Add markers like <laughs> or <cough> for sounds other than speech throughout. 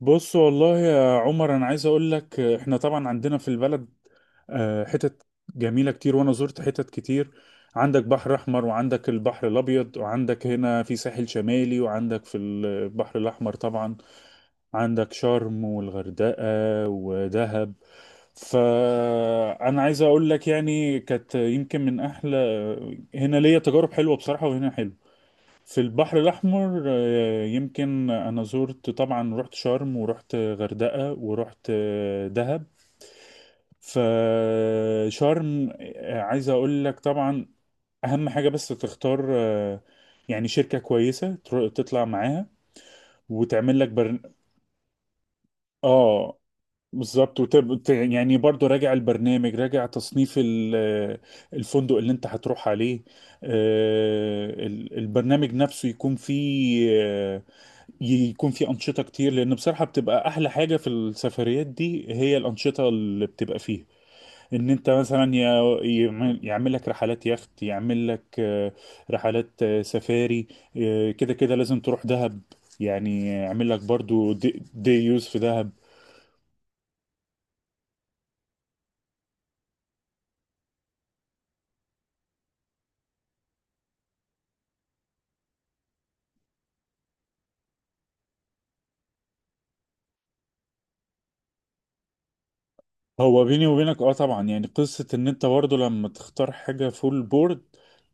بص والله يا عمر، انا عايز اقول لك، احنا طبعا عندنا في البلد حتت جميله كتير، وانا زرت حتت كتير. عندك بحر احمر، وعندك البحر الابيض، وعندك هنا في ساحل شمالي، وعندك في البحر الاحمر طبعا عندك شرم والغردقه ودهب. فانا عايز اقول لك يعني كانت يمكن من احلى، هنا ليا تجارب حلوه بصراحه، وهنا حلو في البحر الأحمر. يمكن أنا زرت طبعا، رحت شرم ورحت غردقة ورحت دهب. فشرم، عايز أقول لك طبعا أهم حاجة بس تختار، يعني شركة كويسة تطلع معاها وتعمل لك آه بالظبط. يعني برضو راجع البرنامج، راجع تصنيف الفندق اللي انت هتروح عليه. البرنامج نفسه يكون فيه، يكون في أنشطة كتير، لأن بصراحة بتبقى أحلى حاجة في السفريات دي هي الأنشطة اللي بتبقى فيها. إن أنت مثلا يعمل يعمل لك رحلات يخت، يعمل لك رحلات سفاري. كده كده لازم تروح دهب، يعني يعمل لك برضو دي يوز في دهب. هو بيني وبينك اه طبعا، يعني قصة إن أنت برضو لما تختار حاجة فول بورد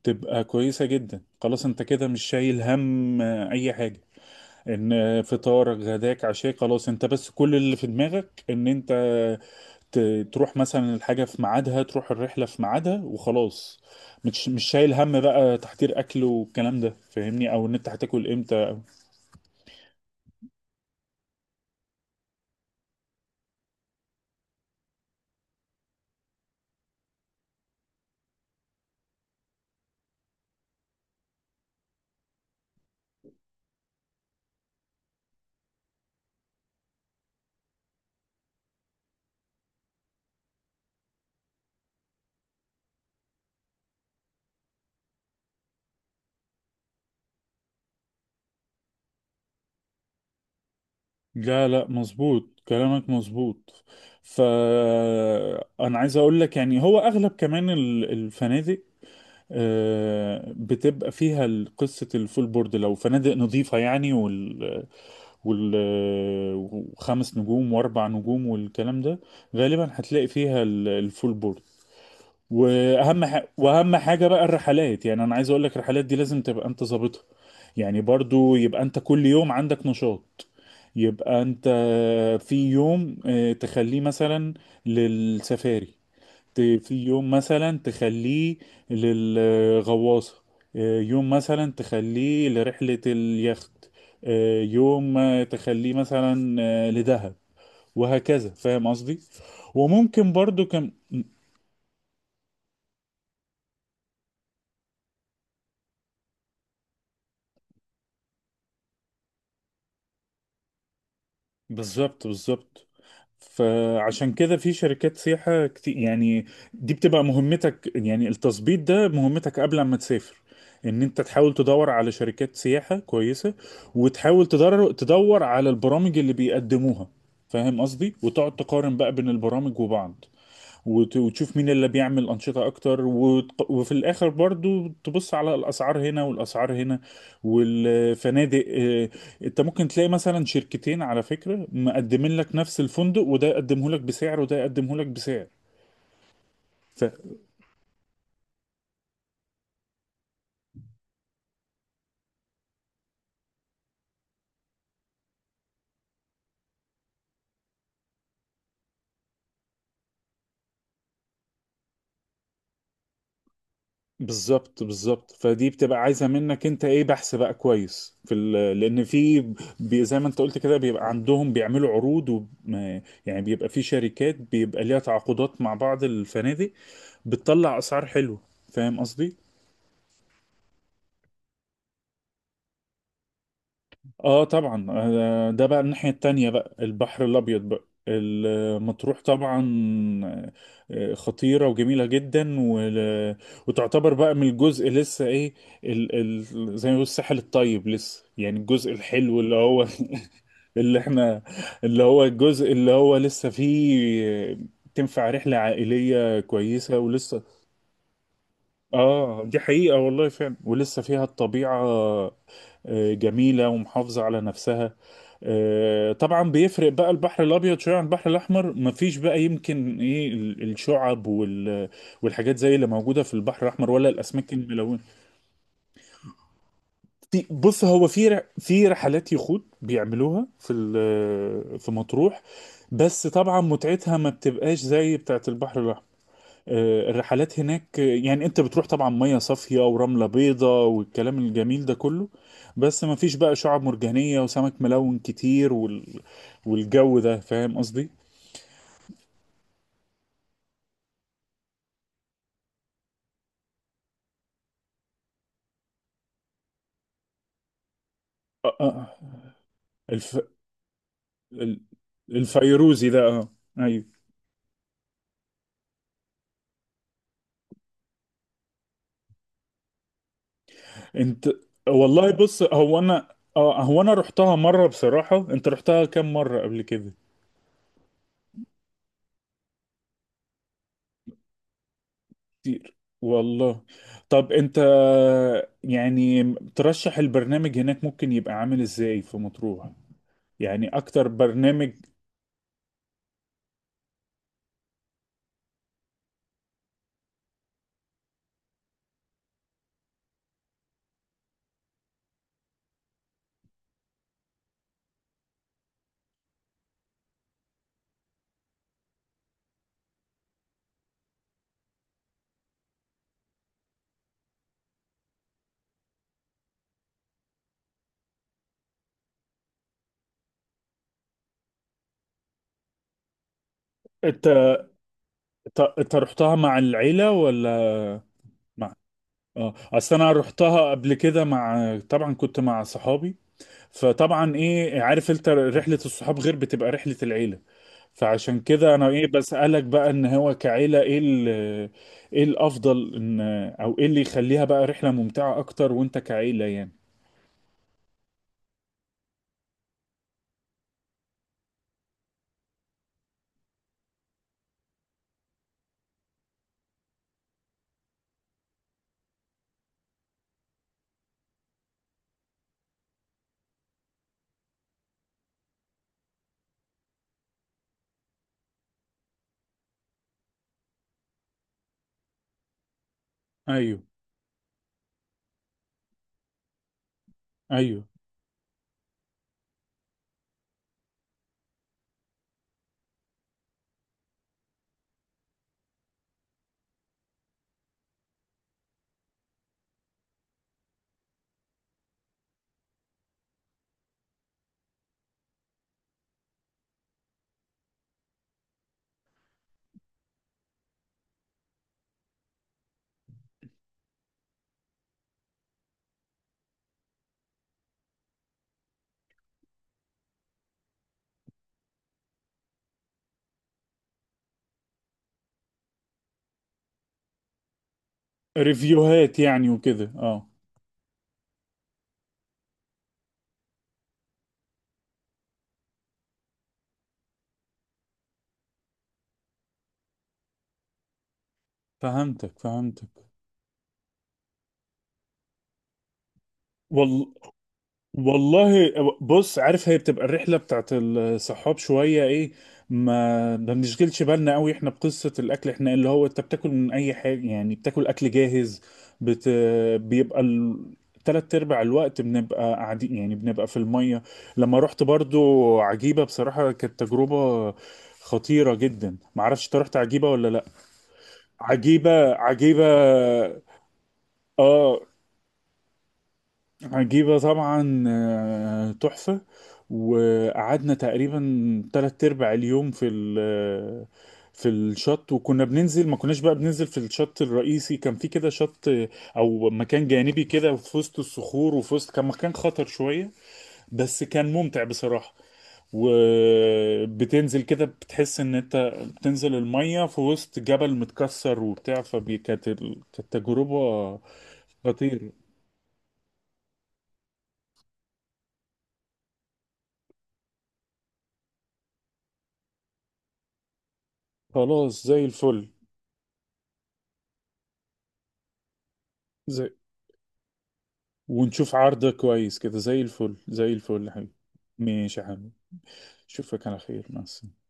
تبقى كويسة جدا. خلاص أنت كده مش شايل هم أي حاجة، ان فطارك غداك عشاك خلاص. انت بس كل اللي في دماغك ان انت تروح مثلا الحاجة في ميعادها، تروح الرحلة في ميعادها وخلاص. مش شايل هم بقى تحضير اكل والكلام ده، فاهمني؟ او ان انت هتاكل امتى. لا لا، مظبوط كلامك مظبوط. ف انا عايز اقول لك يعني هو اغلب كمان الفنادق بتبقى فيها قصة الفول بورد، لو فنادق نظيفة يعني وال- وخمس نجوم واربع نجوم والكلام ده، غالبا هتلاقي فيها الفول بورد. واهم حاجه بقى الرحلات. يعني انا عايز اقول لك الرحلات دي لازم تبقى انت ظابطها. يعني برضو يبقى انت كل يوم عندك نشاط، يبقى انت في يوم تخليه مثلا للسفاري، في يوم مثلا تخليه للغواصة، يوم مثلا تخليه لرحلة اليخت، يوم تخليه مثلا لدهب، وهكذا. فاهم قصدي؟ وممكن برضو كم بالظبط بالظبط. فعشان كده في شركات سياحة كتير يعني، دي بتبقى مهمتك، يعني التظبيط ده مهمتك قبل ما تسافر. ان انت تحاول تدور على شركات سياحة كويسة، وتحاول تدور على البرامج اللي بيقدموها، فاهم قصدي؟ وتقعد تقارن بقى بين البرامج وبعض، وتشوف مين اللي بيعمل أنشطة أكتر، وفي الآخر برضو تبص على الأسعار هنا والأسعار هنا، والفنادق. أنت ممكن تلاقي مثلا شركتين على فكرة مقدمين لك نفس الفندق، وده يقدمه لك بسعر وده يقدمه لك بسعر. بالظبط بالظبط. فدي بتبقى عايزه منك انت ايه، بحث بقى كويس في لان في زي ما انت قلت كده بيبقى عندهم بيعملوا عروض و... ما- يعني بيبقى في شركات بيبقى ليها تعاقدات مع بعض الفنادق بتطلع اسعار حلوه، فاهم قصدي؟ اه طبعا، ده بقى الناحية التانية بقى، البحر الأبيض بقى، المطروح طبعا خطيرة وجميلة جدا وتعتبر بقى من الجزء لسه ايه، ال زي ما بيقولوا الساحل الطيب لسه، يعني الجزء الحلو اللي هو <laughs> اللي احنا، اللي هو الجزء اللي هو لسه فيه آه، تنفع رحلة عائلية كويسة ولسه. اه دي حقيقة والله فعلا، ولسه فيها الطبيعة جميلة ومحافظة على نفسها. طبعا بيفرق بقى البحر الأبيض شوية عن البحر الأحمر، مفيش بقى يمكن إيه الشعب والحاجات زي اللي موجودة في البحر الأحمر، ولا الأسماك الملونة. بص، هو في في رحلات يخوت بيعملوها في في مطروح، بس طبعا متعتها ما بتبقاش زي بتاعت البحر الأحمر. الرحلات هناك، يعني انت بتروح طبعا ميه صافيه ورمله بيضه والكلام الجميل ده كله، بس ما فيش بقى شعاب مرجانيه وسمك ملون كتير والجو ده، فاهم قصدي؟ آه، آه، الف... ال- الفيروزي ده اه. ايوه. انت والله، بص هو انا اه، هو انا رحتها مره بصراحه. انت رحتها كام مره قبل كده؟ كتير والله. طب انت يعني ترشح البرنامج هناك ممكن يبقى عامل ازاي في مطروح، يعني اكتر برنامج؟ انت انت رحتها مع العيلة ولا مع؟ اه اصل انا رحتها قبل كده مع، طبعا كنت مع صحابي، فطبعا ايه عارف، انت رحلة الصحاب غير بتبقى رحلة العيلة. فعشان كده انا ايه بسألك بقى ان هو كعيلة ايه ايه الافضل، ان او ايه اللي يخليها بقى رحلة ممتعة اكتر وانت كعيلة يعني. ايوه. ايوه. ريفيوهات يعني وكده، اه. فهمتك فهمتك. والله والله، بص عارف هي بتبقى الرحلة بتاعت الصحاب شوية ايه، ما بنشغلش بالنا قوي احنا بقصة الاكل، احنا اللي هو انت بتاكل من اي حاجة، يعني بتاكل اكل جاهز. بت... بيبقى ال... تلات ارباع الوقت بنبقى قاعدين، يعني بنبقى في المية. لما رحت برضو عجيبة بصراحة كانت تجربة خطيرة جدا. معرفش انت رحت عجيبة ولا لا؟ عجيبة عجيبة. اه عجيبة طبعا، تحفة. وقعدنا تقريبا تلات أرباع اليوم في ال آه، في الشط، وكنا بننزل، ما كناش بقى بننزل في الشط الرئيسي، كان في كده شط أو مكان جانبي كده في وسط الصخور، وفي وسط كان مكان خطر شوية بس كان ممتع بصراحة. وبتنزل كده بتحس ان انت بتنزل المية في وسط جبل متكسر وبتاع، كانت تجربة خطيرة. خلاص زي الفل. زي ونشوف عرض كويس كده، زي الفل زي الفل يا حبيبي. ماشي يا حبيبي، اشوفك على خير، مع السلامة.